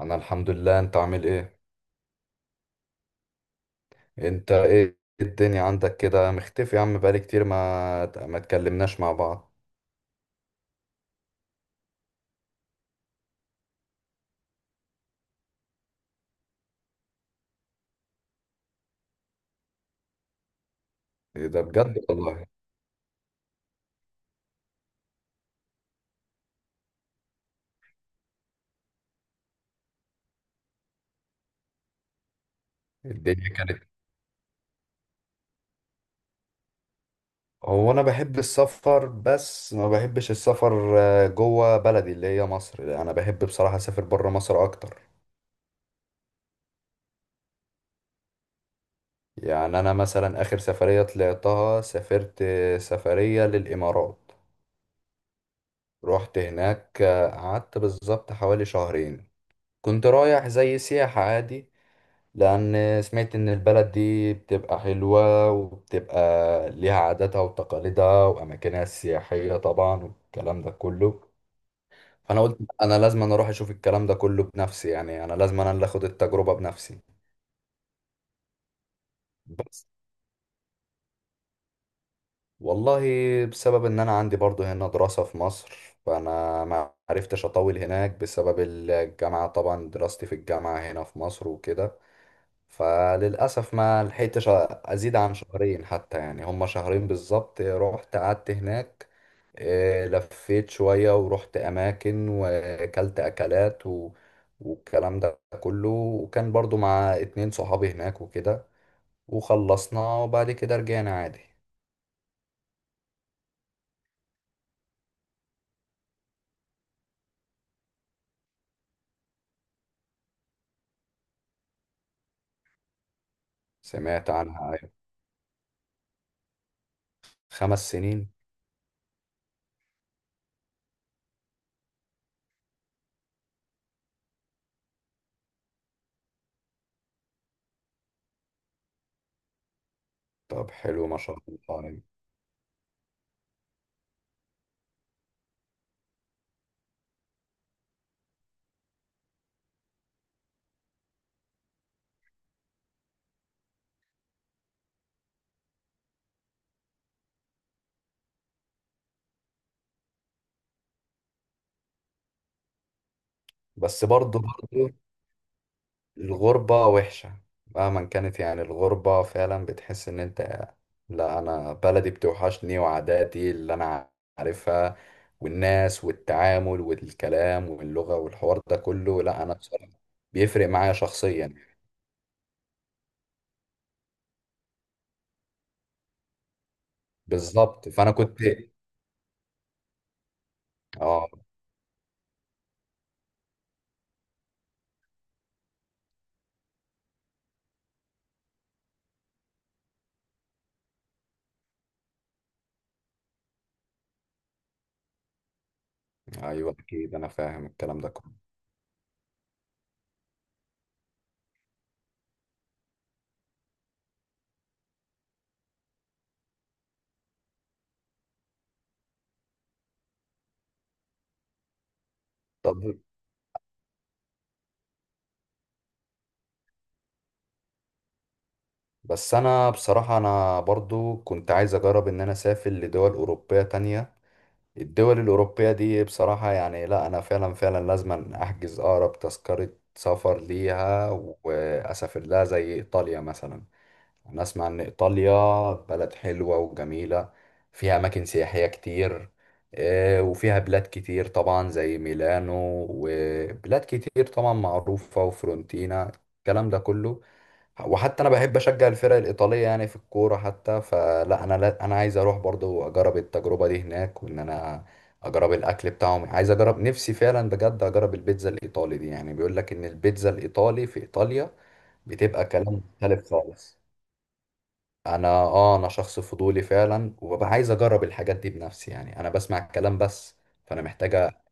انا الحمد لله. انت عامل ايه؟ انت ايه الدنيا عندك كده مختفي يا عم؟ بقالي كتير ما اتكلمناش مع بعض. إيه ده بجد والله. الدنيا كانت هو انا بحب السفر، بس ما بحبش السفر جوه بلدي اللي هي مصر. لا، انا بحب بصراحة اسافر بره مصر اكتر. يعني انا مثلا اخر سفرية طلعتها سافرت سفرية للامارات. رحت هناك، قعدت بالظبط حوالي شهرين. كنت رايح زي سياحة عادي، لأن سمعت إن البلد دي بتبقى حلوة وبتبقى ليها عاداتها وتقاليدها وأماكنها السياحية طبعا والكلام ده كله. فأنا قلت أنا لازم أنا أروح أشوف الكلام ده كله بنفسي، يعني أنا لازم أنا اللي أخد التجربة بنفسي. بس والله، بسبب إن أنا عندي برضو هنا دراسة في مصر، فأنا ما عرفتش أطول هناك بسبب الجامعة، طبعا دراستي في الجامعة هنا في مصر وكده. فللأسف ما لحقتش أزيد عن شهرين، حتى يعني هما شهرين بالظبط رحت قعدت هناك. لفيت شوية ورحت أماكن وأكلت أكلات والكلام ده كله، وكان برضو مع اتنين صحابي هناك وكده. وخلصنا وبعد كده رجعنا عادي. سمعت عنها. 5 سنين؟ طب حلو ما شاء الله يعني. بس برضو الغربة وحشة، مهما كانت. يعني الغربة فعلا بتحس ان انت، لا، انا بلدي بتوحشني وعاداتي اللي انا عارفها والناس والتعامل والكلام واللغة والحوار ده كله. لا، انا بصراحة بيفرق معايا شخصيا. بالظبط، فانا كنت. اه. ايوه، اكيد انا فاهم الكلام ده كله. طب، بس انا بصراحة انا برضو كنت عايز اجرب ان انا اسافر لدول اوروبية تانية. الدول الأوروبية دي بصراحة يعني، لا، أنا فعلا فعلا لازم أحجز أقرب تذكرة سفر ليها، وأسافر لها زي إيطاليا مثلا. أنا أسمع إن إيطاليا بلد حلوة وجميلة، فيها أماكن سياحية كتير، وفيها بلاد كتير طبعا زي ميلانو، وبلاد كتير طبعا معروفة وفرونتينا، الكلام ده كله. وحتى انا بحب اشجع الفرق الايطاليه يعني في الكوره حتى، فلا انا لا انا عايز اروح برضو اجرب التجربه دي هناك، وان انا اجرب الاكل بتاعهم. عايز اجرب نفسي فعلا بجد، اجرب البيتزا الايطالي دي. يعني بيقول لك ان البيتزا الايطالي في ايطاليا بتبقى كلام مختلف خالص. انا شخص فضولي فعلا، وببقى عايز اجرب الحاجات دي بنفسي. يعني انا بسمع الكلام بس، فانا محتاجه.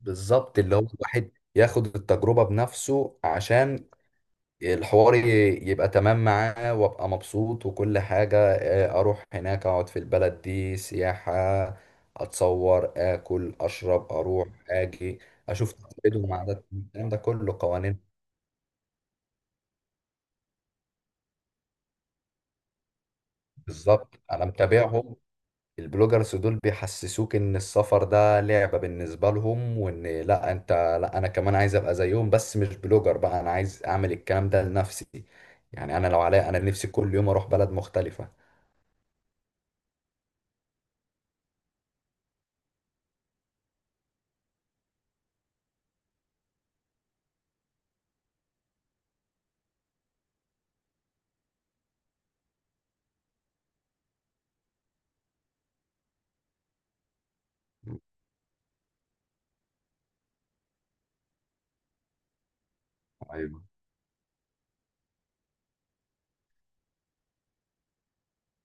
بالظبط اللي هو الواحد ياخد التجربه بنفسه، عشان الحوار يبقى تمام معاه وابقى مبسوط وكل حاجة. اروح هناك، اقعد في البلد دي سياحة، اتصور، اكل، اشرب، اروح، اجي، اشوف تقاليدهم وعاداتهم، الكلام ده كله، قوانين. بالظبط، انا متابعهم. البلوجرز دول بيحسسوك ان السفر ده لعبة بالنسبة لهم، وان لا، انت، لا، انا كمان عايز ابقى زيهم، بس مش بلوجر بقى، انا عايز اعمل الكلام ده لنفسي. يعني انا لو عليا، انا نفسي كل يوم اروح بلد مختلفة.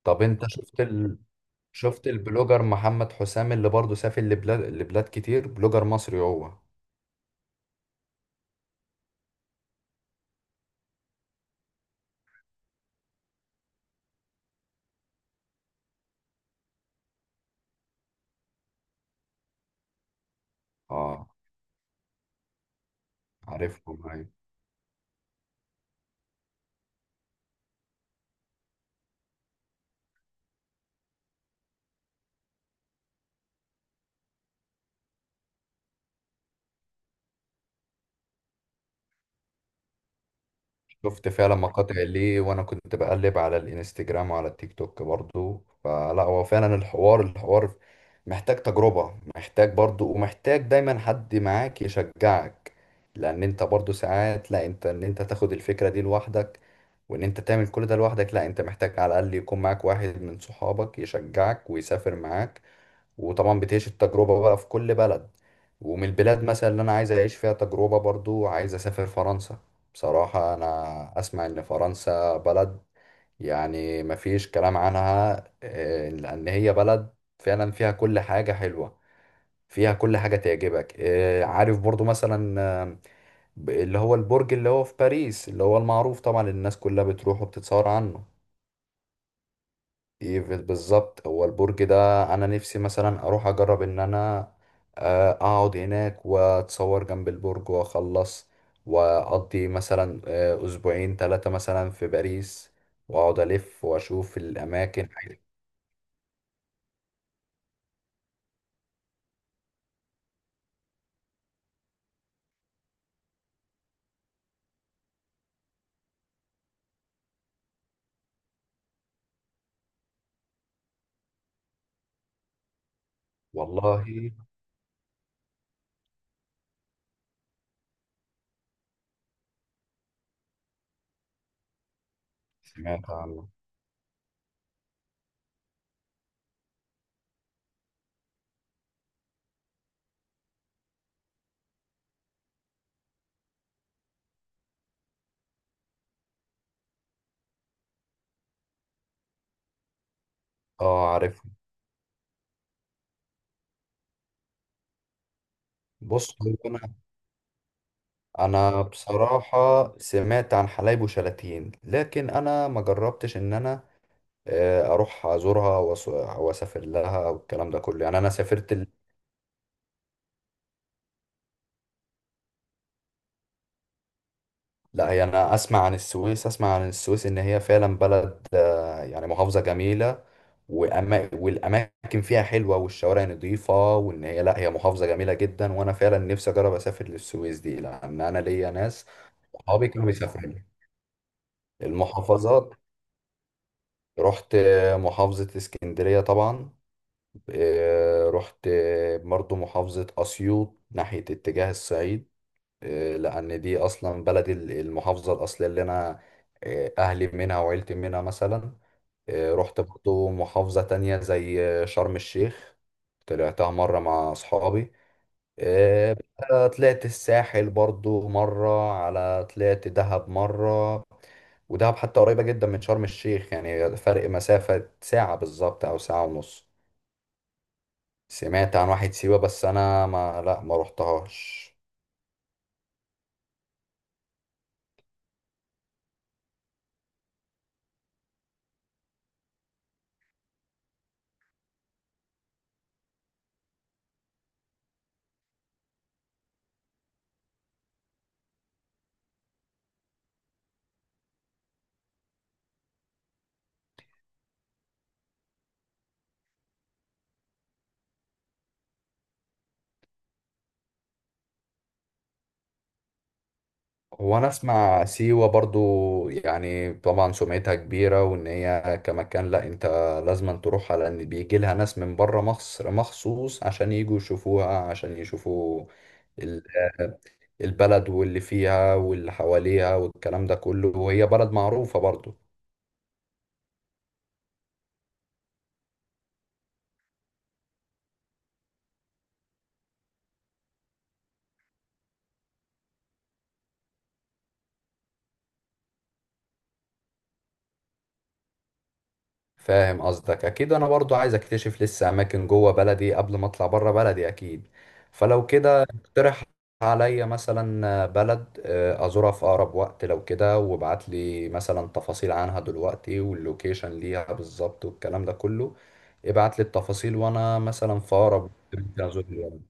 طب انت شفت شفت البلوجر محمد حسام اللي برضه سافر لبلاد كتير؟ بلوجر مصري هو. اه. عارفه معايا. شفت فعلا مقاطع ليه، وانا كنت بقلب على الانستجرام وعلى التيك توك برضه، فلا هو فعلا الحوار محتاج تجربة، محتاج برضه، ومحتاج دايما حد معاك يشجعك، لان انت برضه ساعات، لا، انت ان انت تاخد الفكرة دي لوحدك، وان انت تعمل كل ده لوحدك، لا، انت محتاج على الاقل يكون معاك واحد من صحابك يشجعك ويسافر معاك، وطبعا بتعيش التجربة بقى في كل بلد. ومن البلاد مثلا اللي انا عايز اعيش فيها تجربة برضو، عايز اسافر فرنسا. بصراحة انا اسمع ان فرنسا بلد يعني مفيش كلام عنها، لان هي بلد فعلا فيها كل حاجة حلوة، فيها كل حاجة تعجبك. عارف برضو مثلا اللي هو البرج اللي هو في باريس، اللي هو المعروف طبعا الناس كلها بتروح وبتتصور عنه. ايفل، بالظبط، هو البرج ده. انا نفسي مثلا اروح اجرب ان انا، اقعد هناك واتصور جنب البرج واخلص، واقضي مثلا اسبوعين ثلاثة مثلا في باريس، واقعد الف واشوف الاماكن. والله. سمعت عنه. اه، عارف. بص، هو انا انا بصراحة سمعت عن حلايب وشلاتين، لكن انا ما جربتش ان انا، اروح ازورها واسافر لها والكلام ده كله. يعني انا سافرت. لا، هي انا اسمع عن السويس ان هي فعلا بلد، يعني محافظة جميلة، والاماكن فيها حلوة والشوارع نظيفة، وان هي، لا، هي محافظة جميلة جدا، وانا فعلا نفسي اجرب اسافر للسويس دي، لان انا ليا ناس صحابي كانوا بيسافروا لي. المحافظات، رحت محافظة اسكندرية طبعا، رحت برضو محافظة اسيوط ناحية اتجاه الصعيد، لأن دي أصلا بلدي المحافظة الأصلية اللي أنا، أهلي منها وعيلتي منها مثلا. رحت برضو محافظة تانية زي شرم الشيخ، طلعتها مرة مع أصحابي. بقى طلعت الساحل برضو مرة، على طلعت دهب مرة. ودهب حتى قريبة جدا من شرم الشيخ، يعني فرق مسافة ساعة بالظبط أو ساعة ونص. سمعت عن واحد سيوة، بس أنا ما رحتهاش. وانا اسمع سيوة برضو، يعني طبعا سمعتها كبيرة، وان هي كمكان، لا، انت لازم تروحها، لان بيجي لها ناس من بره مصر مخصوص عشان يجوا يشوفوها، عشان يشوفوا ال- البلد واللي فيها واللي حواليها والكلام ده كله، وهي بلد معروفة برضو. فاهم قصدك. اكيد انا برضو عايز اكتشف لسه اماكن جوه بلدي قبل ما اطلع بره بلدي اكيد. فلو كده اقترح عليا مثلا بلد ازورها في اقرب وقت لو كده، وابعت لي مثلا تفاصيل عنها دلوقتي واللوكيشن ليها بالظبط والكلام ده كله. ابعت لي التفاصيل، وانا مثلا في اقرب وقت ممكن ازور البلد.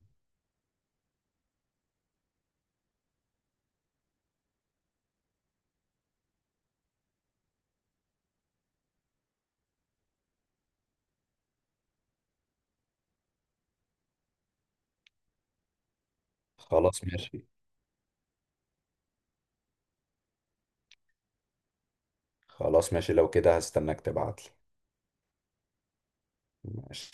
خلاص ماشي. خلاص ماشي، لو كده هستناك تبعت لي. ماشي.